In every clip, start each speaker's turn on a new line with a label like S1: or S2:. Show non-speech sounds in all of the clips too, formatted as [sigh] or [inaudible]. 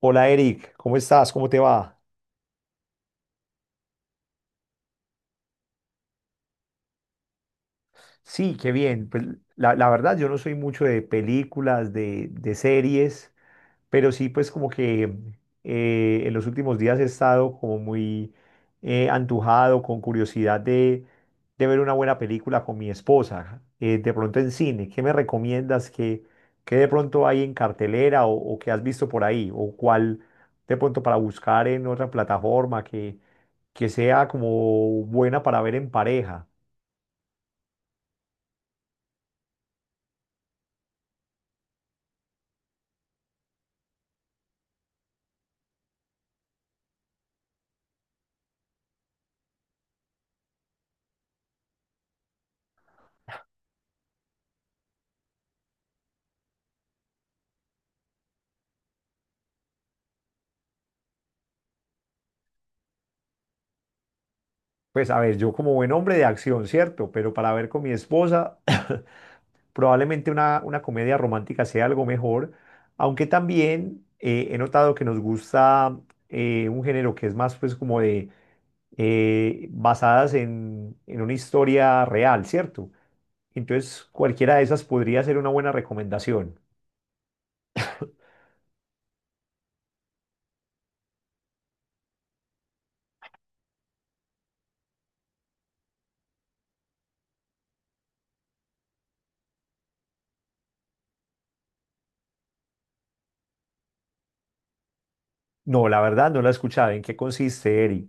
S1: Hola Eric, ¿cómo estás? ¿Cómo te va? Sí, qué bien. Pues la verdad, yo no soy mucho de películas, de series, pero sí, pues como que en los últimos días he estado como muy antojado, con curiosidad de ver una buena película con mi esposa, de pronto en cine. ¿Qué me recomiendas? ¿Qué de pronto hay en cartelera o qué has visto por ahí? ¿O cuál de pronto para buscar en otra plataforma que sea como buena para ver en pareja? Pues a ver, yo como buen hombre de acción, ¿cierto? Pero para ver con mi esposa. [coughs] Probablemente una comedia romántica sea algo mejor, aunque también he notado que nos gusta un género que es más pues como de basadas en una historia real, ¿cierto? Entonces cualquiera de esas podría ser una buena recomendación. No, la verdad no la he escuchado. ¿En qué consiste, Eri?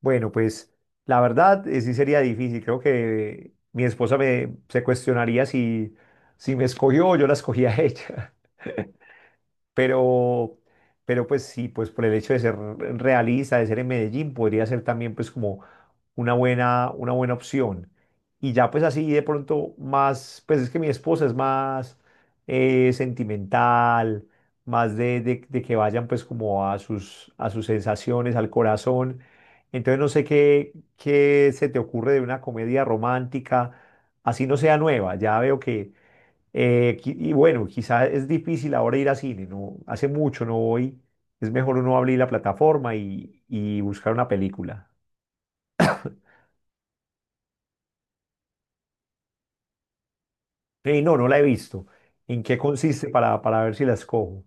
S1: Bueno, pues la verdad, sí sería difícil. Creo que mi esposa me, se cuestionaría si, si me escogió o yo la escogí a ella. [laughs] Pero, pero pues sí, pues por el hecho de ser realista, de ser en Medellín, podría ser también pues como una buena opción. Y ya pues así de pronto más, pues es que mi esposa es más sentimental, más de que vayan pues como a sus sensaciones, al corazón. Entonces no sé qué, qué se te ocurre de una comedia romántica, así no sea nueva. Ya veo que qui- y bueno, quizá es difícil ahora ir a cine, ¿no? Hace mucho no voy. Es mejor uno abrir la plataforma y buscar una película. No, no la he visto. ¿En qué consiste para ver si la escojo?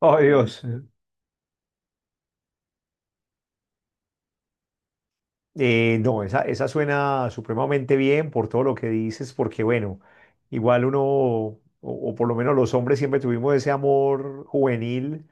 S1: Oh, Dios. No, esa suena supremamente bien por todo lo que dices, porque bueno, igual uno, o por lo menos los hombres siempre tuvimos ese amor juvenil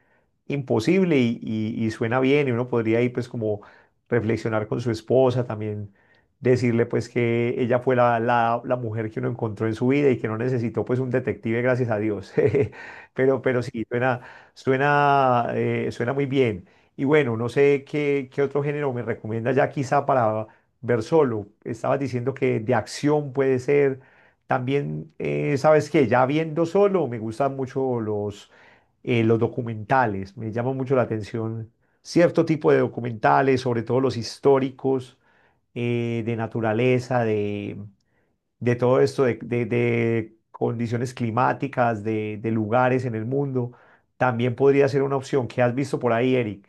S1: imposible y suena bien y uno podría ir pues como reflexionar con su esposa, también decirle pues que ella fue la, la, la mujer que uno encontró en su vida y que no necesitó pues un detective, gracias a Dios. [laughs] Pero sí, suena, suena, suena muy bien. Y bueno, no sé qué, qué otro género me recomienda ya quizá para ver solo. Estabas diciendo que de acción puede ser. También, ¿sabes qué? Ya viendo solo, me gustan mucho los documentales. Me llama mucho la atención cierto tipo de documentales, sobre todo los históricos, de naturaleza, de todo esto, de condiciones climáticas, de lugares en el mundo. También podría ser una opción. ¿Qué has visto por ahí, Eric?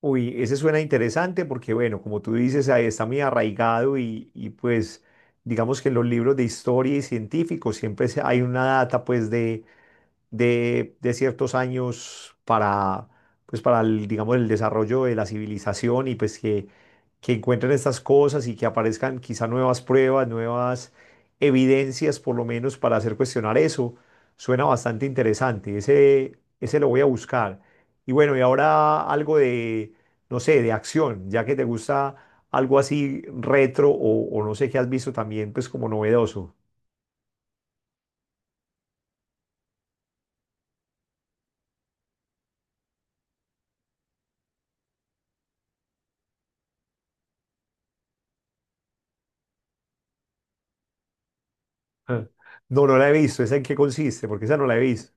S1: Uy, ese suena interesante porque, bueno, como tú dices, ahí está muy arraigado y, pues digamos que en los libros de historia y científicos siempre se- hay una data pues de ciertos años para, pues para el, digamos, el desarrollo de la civilización y pues que encuentren estas cosas y que aparezcan quizá nuevas pruebas, nuevas evidencias por lo menos para hacer cuestionar eso. Suena bastante interesante. Ese lo voy a buscar. Y bueno, y ahora algo de, no sé, de acción, ya que te gusta algo así retro o no sé qué has visto también, pues como novedoso. Ah. No, no la he visto. ¿Esa en qué consiste? Porque esa no la he visto.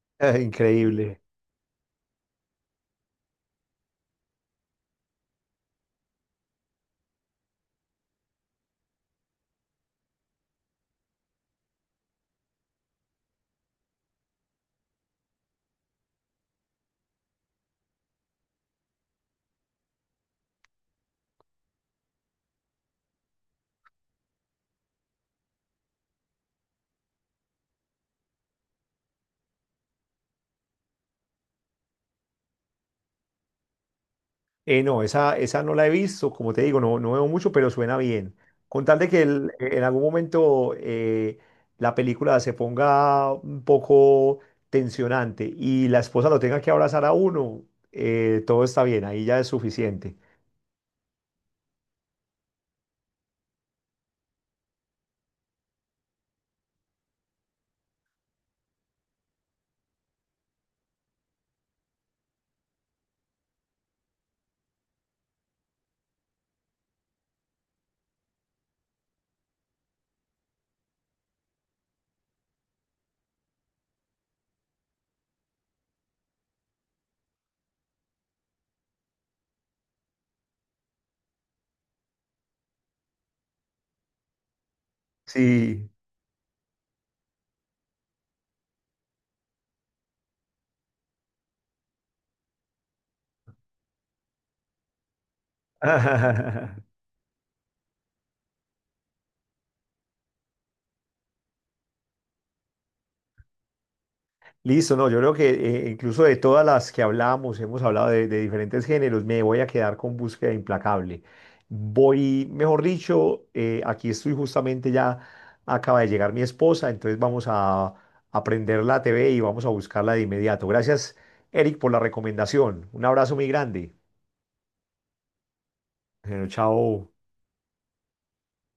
S1: [laughs] ¡Ah, increíble! No, esa no la he visto, como te digo, no, no veo mucho, pero suena bien. Con tal de que el- en algún momento, la película se ponga un poco tensionante y la esposa lo tenga que abrazar a uno, todo está bien, ahí ya es suficiente. Sí. [laughs] Listo, no, yo creo que incluso de todas las que hablamos, hemos hablado de diferentes géneros, me voy a quedar con Búsqueda Implacable. Voy, mejor dicho, aquí estoy justamente ya, acaba de llegar mi esposa, entonces vamos a prender la TV y vamos a buscarla de inmediato. Gracias, Eric, por la recomendación. Un abrazo muy grande. Bueno, chao.